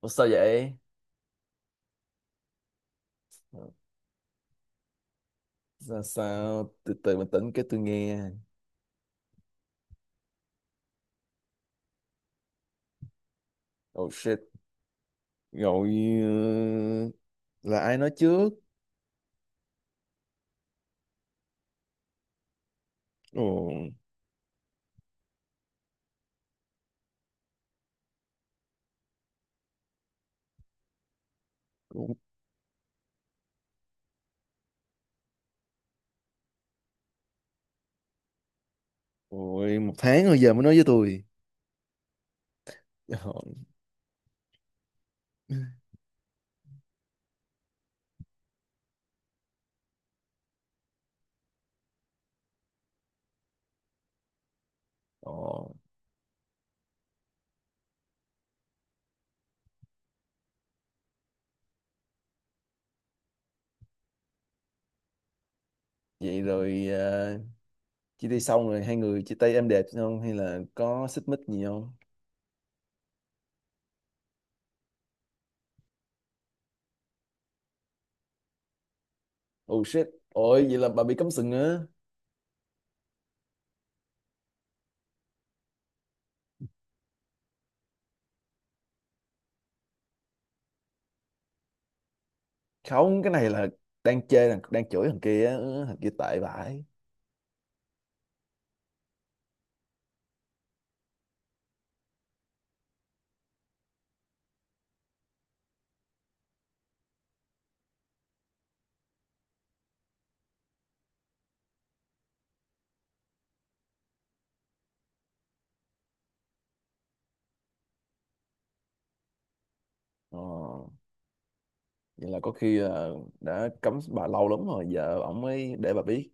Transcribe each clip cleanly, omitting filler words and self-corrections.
Ủa, sao vậy? Sao, sao? Từ từ bình tĩnh cái tôi nghe. Oh shit. Rồi, ờ, là ai nói trước? Ồ. Cũng. Ôi, một tháng rồi giờ mới nói với tôi. Ồ. Ồ. Vậy rồi, chia tay xong rồi hai người chia tay êm đẹp không? Hay là có xích mích gì không? Oh shit. Ôi, vậy là bà bị cấm sừng á. Không, cái này là đang chê, đang chửi thằng kia á. Ừ, thằng kia tệ vãi. Ồ. Vậy là có khi là đã cấm bà lâu lắm rồi, giờ ổng mới để bà biết.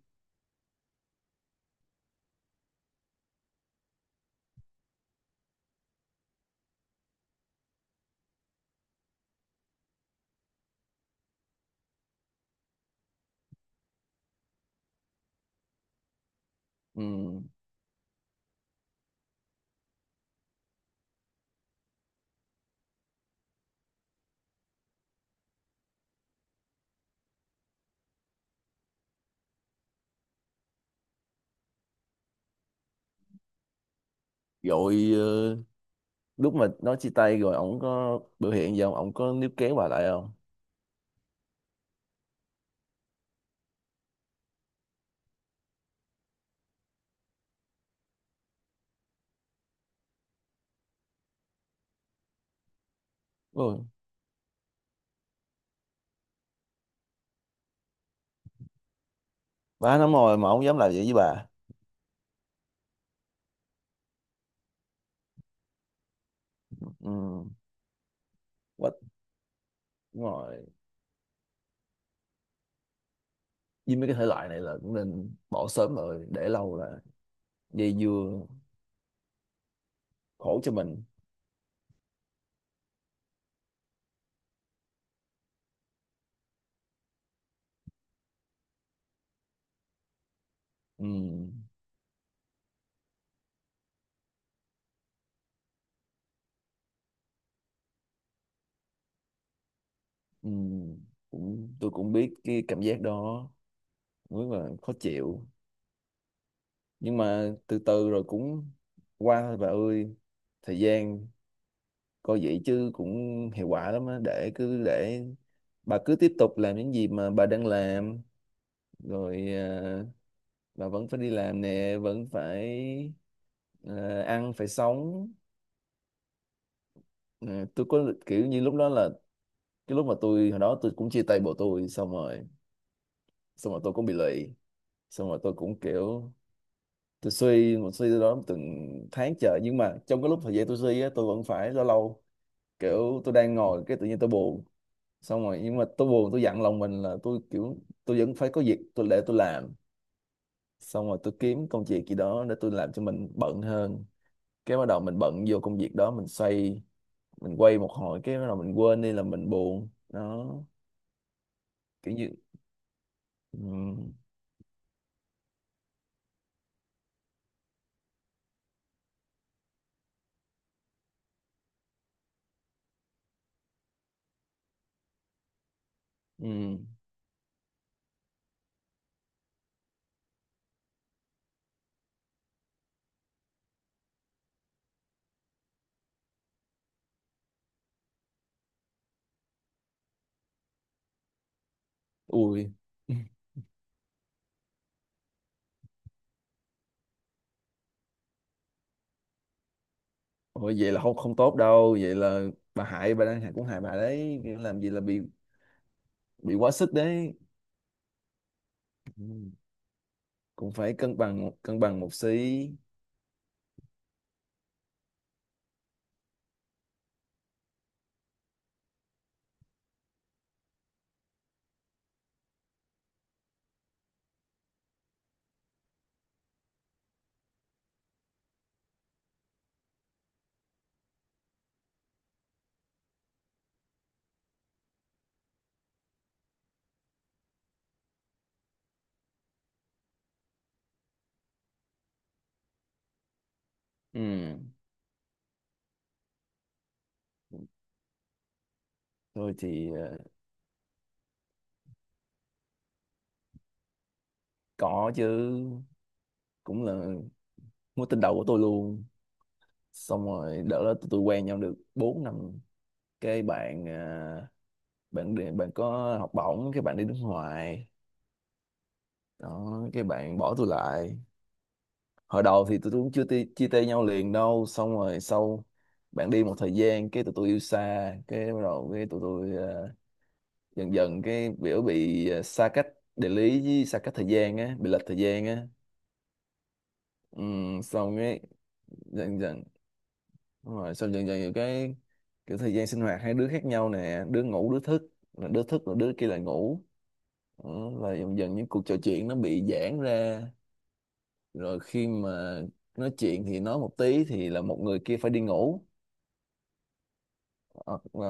Ừ. Rồi, lúc mà nói chia tay rồi ổng có biểu hiện gì không, ổng có níu kéo bà lại không? Ôi, 3 năm rồi mà ổng dám làm vậy với bà. Ừ. Quá. Đúng rồi, với mấy cái thể loại này là cũng nên bỏ sớm, rồi để lâu là dây dưa khổ cho mình. Ừ. Ừ. Cũng, tôi cũng biết cái cảm giác đó, đúng là khó chịu, nhưng mà từ từ rồi cũng qua thôi bà ơi. Thời gian coi vậy chứ cũng hiệu quả lắm á, để cứ để bà cứ tiếp tục làm những gì mà bà đang làm rồi. Bà vẫn phải đi làm nè, vẫn phải ăn phải sống. Ờ, tôi có kiểu như lúc đó là cái lúc mà tôi hồi đó tôi cũng chia tay bộ tôi, xong rồi tôi cũng bị lụy, xong rồi tôi cũng kiểu tôi suy một suy đó từng tháng trời, nhưng mà trong cái lúc thời gian tôi suy á tôi vẫn phải lâu lâu kiểu tôi đang ngồi cái tự nhiên tôi buồn, xong rồi nhưng mà tôi buồn tôi dặn lòng mình là tôi kiểu tôi vẫn phải có việc tôi để tôi làm, xong rồi tôi kiếm công việc gì đó để tôi làm cho mình bận hơn, cái bắt đầu mình bận vô công việc đó mình xoay, mình quay một hồi cái bắt đầu mình quên đi là mình buồn đó. Kiểu như. Ừ. Ừ. Ui. Ôi, vậy là không không tốt đâu, vậy là bà hại, bà đang hại, cũng hại bà đấy. Kiểu làm gì là bị quá sức đấy. Ừ. Cũng phải cân bằng một xí. Ừ. Tôi thì có chứ, cũng là mối tình đầu của tôi luôn. Xong rồi đợt đó tụi tôi quen nhau được 4 năm, cái bạn bạn đi- bạn có học bổng cái bạn đi nước ngoài đó, cái bạn bỏ tôi lại. Hồi đầu thì tụi tôi cũng chưa chia tay nhau liền đâu, xong rồi sau bạn đi một thời gian cái tụi tôi yêu xa, cái bắt đầu cái tụi tôi dần dần cái biểu bị xa cách địa lý với xa cách thời gian á, bị lệch thời gian á. Ừ, xong cái dần dần. Đúng rồi, xong dần dần nhiều cái kiểu thời gian sinh hoạt hai đứa khác nhau nè, đứa ngủ đứa thức, là đứa thức rồi đứa kia lại ngủ. Đó, là dần dần những cuộc trò chuyện nó bị giãn ra, rồi khi mà nói chuyện thì nói một tí thì là một người kia phải đi ngủ. Hoặc là.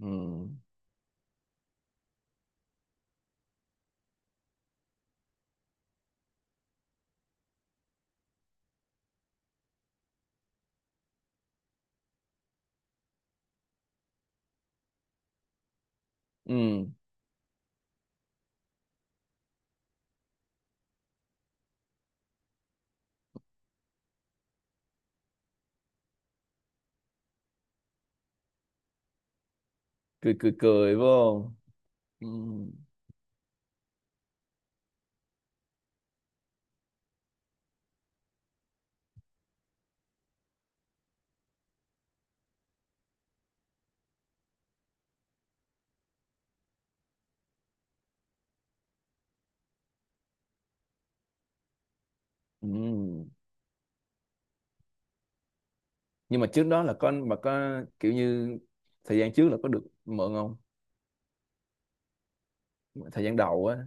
Ừ. Ừ. Cười cười cười vô. Không. Ừ. Ừ. Nhưng mà trước đó là con bà có kiểu như thời gian trước là có được mượn không? Thời gian đầu á.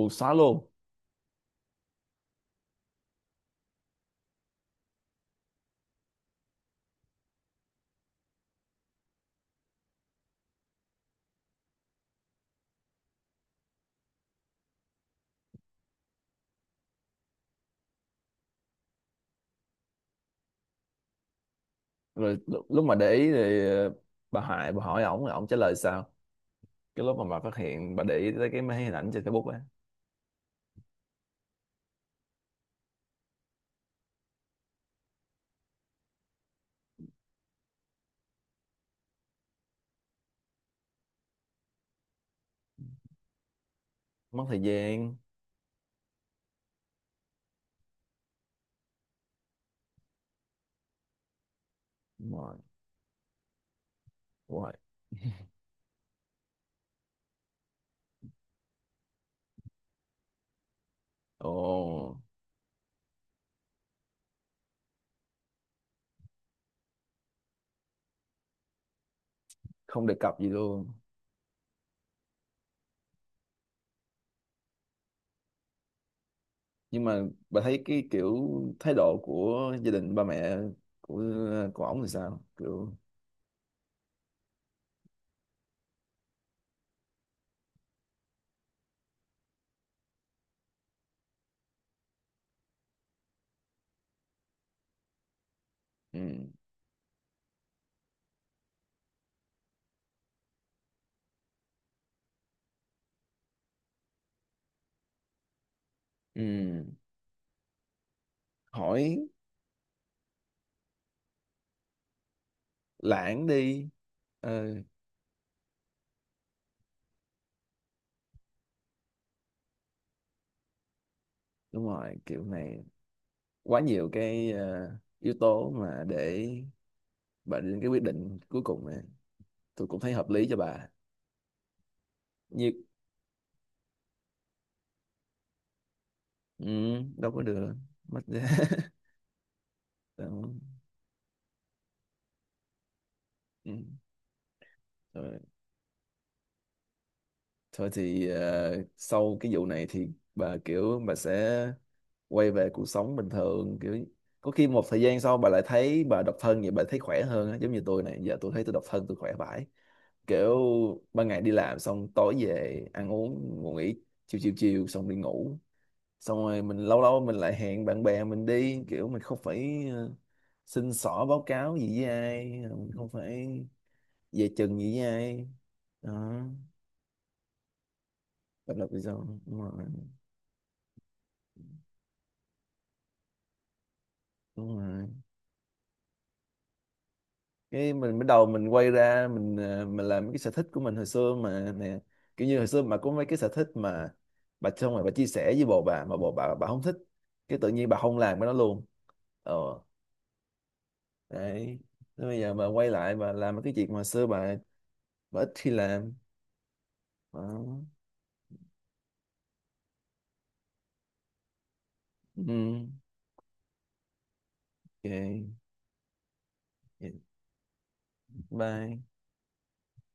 Ù, xóa luôn. Rồi lúc mà để ý thì bà Hải, bà hỏi ổng ổng trả lời sao, cái lúc mà bà phát hiện bà để ý tới cái mấy hình ảnh trên Facebook á. Mất thời gian. Đúng rồi. Đúng rồi. Ồ. Không đề cập gì luôn. Nhưng mà bà thấy cái kiểu thái độ của gia đình ba mẹ của của ổng thì sao, kiểu. Ừ. Ừ. Hỏi. Lãng đi. ờ Đúng rồi, kiểu này quá nhiều cái yếu tố mà để bà đến cái quyết định cuối cùng này, tôi cũng thấy hợp lý cho bà. Như. Ừ. Đâu có được. Mất giá. Đó. Ừ. Rồi. Thôi thì sau cái vụ này thì bà kiểu bà sẽ quay về cuộc sống bình thường, kiểu có khi một thời gian sau bà lại thấy bà độc thân vậy bà thấy khỏe hơn á, giống như tôi này, giờ tôi thấy tôi độc thân tôi khỏe vãi. Kiểu ban ngày đi làm xong tối về ăn uống ngủ nghỉ, chiều chiều chiều xong đi ngủ, xong rồi mình lâu lâu mình lại hẹn bạn bè mình đi, kiểu mình không phải xin xỏ báo cáo gì với ai, mình không phải về chừng gì với ai. Đó, độc lập tự do. Đúng rồi. Đúng rồi. Cái mình bắt đầu mình quay ra mình mình làm mấy cái sở thích của mình hồi xưa mà nè, kiểu như hồi xưa mà có mấy cái sở thích mà bà xong rồi bà chia sẻ với bồ bà mà bồ bà không thích, cái tự nhiên bà không làm cái đó luôn. Ờ. Đấy. Thế bây giờ bà quay lại bà làm mấy cái việc mà xưa bà ít khi làm. Đó. Ừ, ok. Dạ, bye.